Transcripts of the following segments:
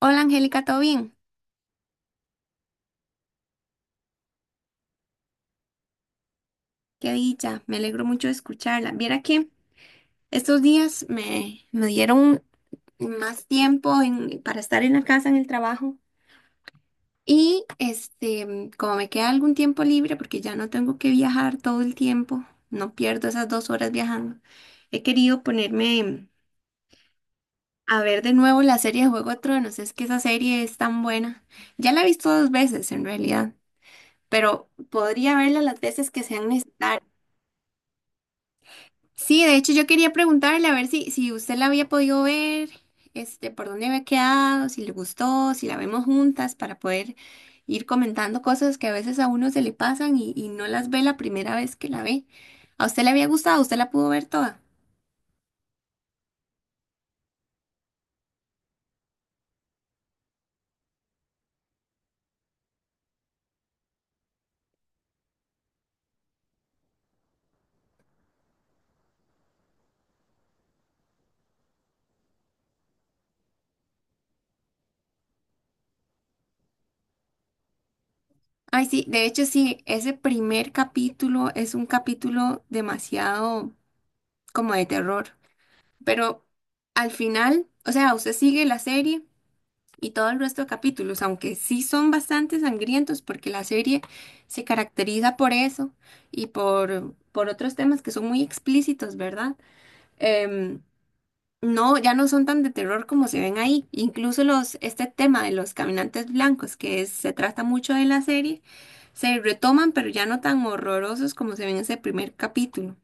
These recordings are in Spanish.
Hola Angélica, ¿todo bien? Qué dicha, me alegro mucho de escucharla. Viera que estos días me dieron más tiempo para estar en la casa, en el trabajo. Y como me queda algún tiempo libre, porque ya no tengo que viajar todo el tiempo, no pierdo esas 2 horas viajando, he querido ponerme a ver de nuevo la serie de Juego de Tronos. Es que esa serie es tan buena. Ya la he visto dos veces en realidad, pero podría verla las veces que sean necesarias. Sí, de hecho yo quería preguntarle a ver si usted la había podido ver, por dónde había quedado, si le gustó, si la vemos juntas para poder ir comentando cosas que a veces a uno se le pasan y no las ve la primera vez que la ve. ¿A usted le había gustado? ¿Usted la pudo ver toda? Ay, sí, de hecho sí, ese primer capítulo es un capítulo demasiado como de terror, pero al final, o sea, usted sigue la serie. Y todo el resto de capítulos, aunque sí son bastante sangrientos porque la serie se caracteriza por eso y por otros temas que son muy explícitos, ¿verdad? Em, no, ya no son tan de terror como se ven ahí. Incluso este tema de los caminantes blancos, se trata mucho de la serie, se retoman, pero ya no tan horrorosos como se ven en ese primer capítulo.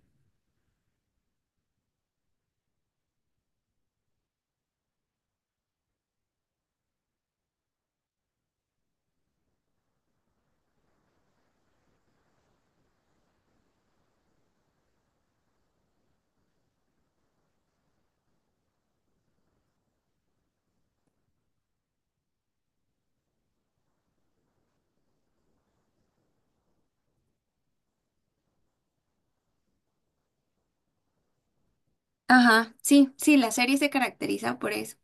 Ajá, sí, sí, la serie se caracteriza por eso.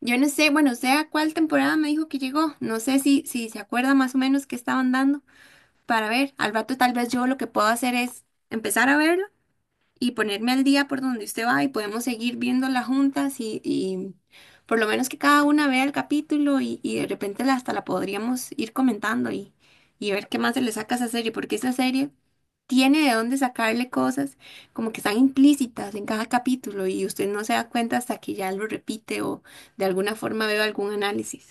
Yo no sé, bueno, usted a cuál temporada me dijo que llegó. No sé si se acuerda más o menos qué estaban dando para ver. Al rato tal vez yo lo que puedo hacer es empezar a verlo y ponerme al día por donde usted va y podemos seguir viéndola juntas y por lo menos que cada una vea el capítulo y de repente hasta la podríamos ir comentando y ver qué más se le saca a esa serie, porque esa serie tiene de dónde sacarle cosas como que están implícitas en cada capítulo y usted no se da cuenta hasta que ya lo repite o de alguna forma veo algún análisis.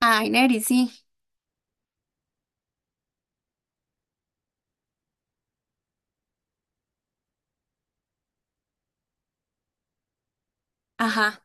Ay, Neri, sí. Ajá,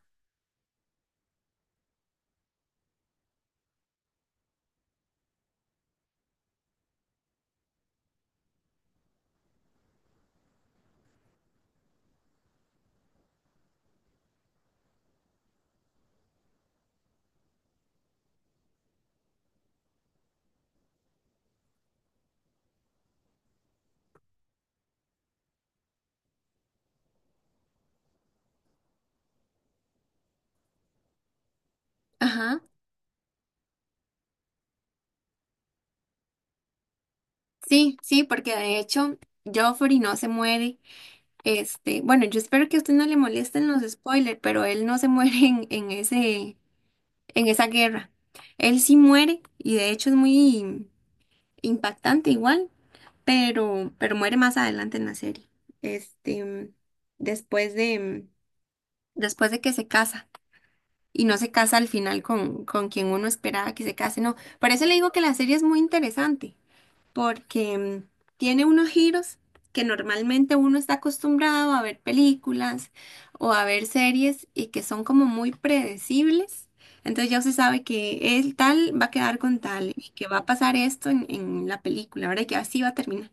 ajá. Sí, sí, porque de hecho Joffrey no se muere. Este, bueno, yo espero que a usted no le molesten los spoilers, pero él no se muere en esa guerra. Él sí muere, y de hecho es muy impactante igual, pero muere más adelante en la serie. Este, después de, Después de que se casa. Y no se casa al final con quien uno esperaba que se case, no. Por eso le digo que la serie es muy interesante porque tiene unos giros que normalmente uno está acostumbrado a ver películas o a ver series y que son como muy predecibles. Entonces ya se sabe que el tal va a quedar con tal y que va a pasar esto en la película, ¿verdad? Y que así va a terminar.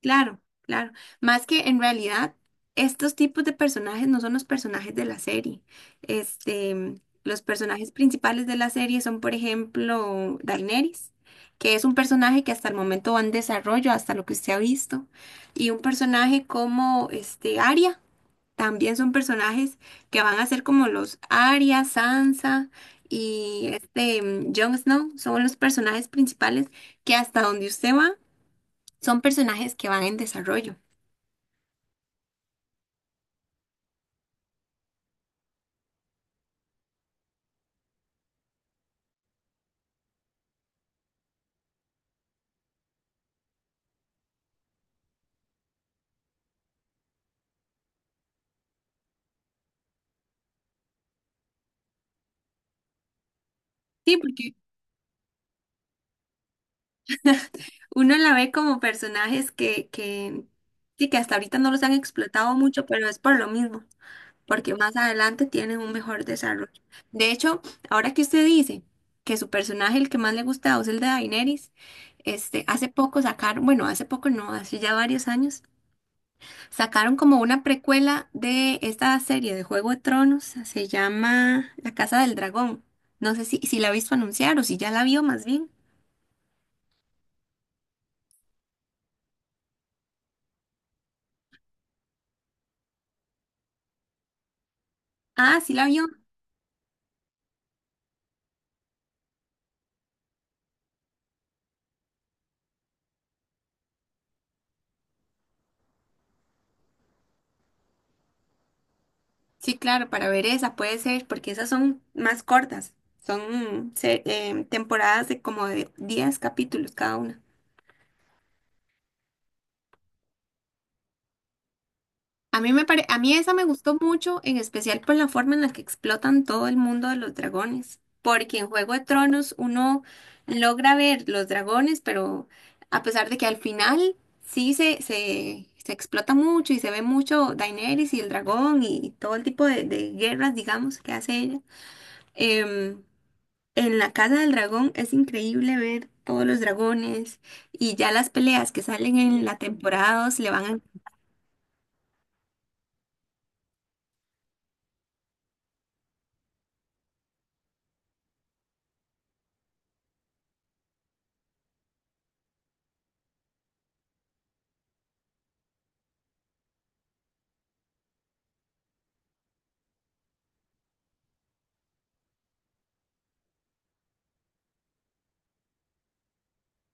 Claro, claro. Más que en realidad, estos tipos de personajes no son los personajes de la serie. Este, los personajes principales de la serie son, por ejemplo, Daenerys, que es un personaje que hasta el momento va en desarrollo, hasta lo que usted ha visto, y un personaje como este Arya, también son personajes que van a ser como los Arya, Sansa y Jon Snow, son los personajes principales que hasta donde usted va son personajes que van en desarrollo. Sí, porque uno la ve como personajes que sí, que hasta ahorita no los han explotado mucho, pero es por lo mismo, porque más adelante tienen un mejor desarrollo. De hecho, ahora que usted dice que su personaje, el que más le gusta es el de Daenerys, hace poco sacaron, bueno, hace poco no, hace ya varios años, sacaron como una precuela de esta serie de Juego de Tronos, se llama La Casa del Dragón. No sé si la ha visto anunciar o si ya la vio más bien. Ah, sí la vio. Sí, claro, para ver esa puede ser, porque esas son más cortas, son temporadas de como de 10 capítulos cada una. A mí esa me gustó mucho, en especial por la forma en la que explotan todo el mundo de los dragones, porque en Juego de Tronos uno logra ver los dragones, pero a pesar de que al final sí se explota mucho y se ve mucho Daenerys y el dragón y todo el tipo de guerras, digamos, que hace ella. em, En la Casa del Dragón es increíble ver todos los dragones y ya las peleas que salen en la temporada 2 le van a...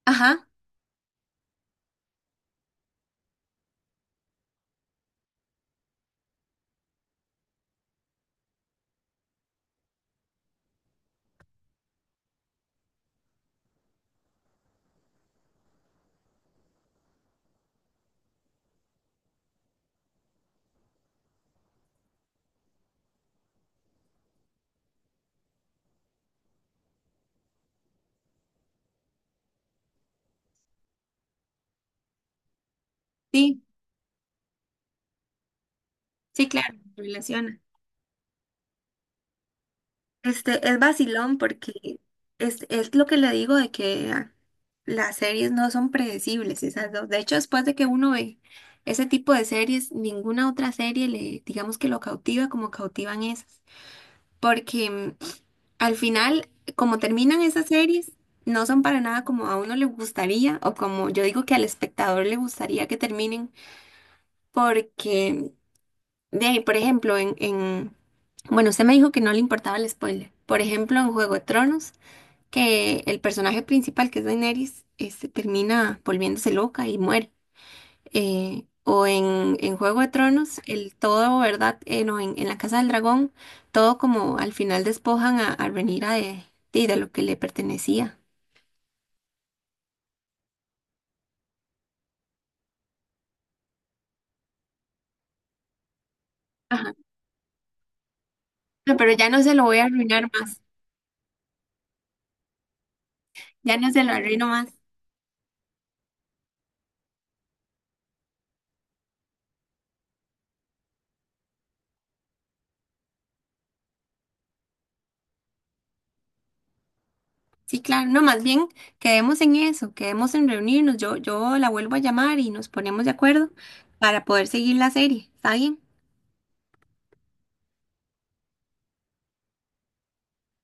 Ajá, sí, sí, claro, relaciona. Este es vacilón porque es lo que le digo de que ah, las series no son predecibles, esas dos. De hecho, después de que uno ve ese tipo de series, ninguna otra serie le, digamos que lo cautiva como cautivan esas. Porque al final, como terminan esas series, no son para nada como a uno le gustaría o como yo digo que al espectador le gustaría que terminen, porque de ahí, por ejemplo, bueno, usted me dijo que no le importaba el spoiler. Por ejemplo, en Juego de Tronos, que el personaje principal, que es Daenerys, termina volviéndose loca y muere o en Juego de Tronos, el todo, ¿verdad? No, en la Casa del Dragón, todo como al final despojan a Rhaenyra de lo que le pertenecía. Ajá. No, pero ya no se lo voy a arruinar más, ya no se lo arruino más. Sí, claro, no, más bien quedemos en eso, quedemos en reunirnos, yo la vuelvo a llamar y nos ponemos de acuerdo para poder seguir la serie, ¿está bien?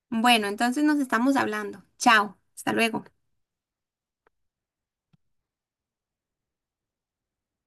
Bueno, entonces nos estamos hablando. Chao, hasta luego.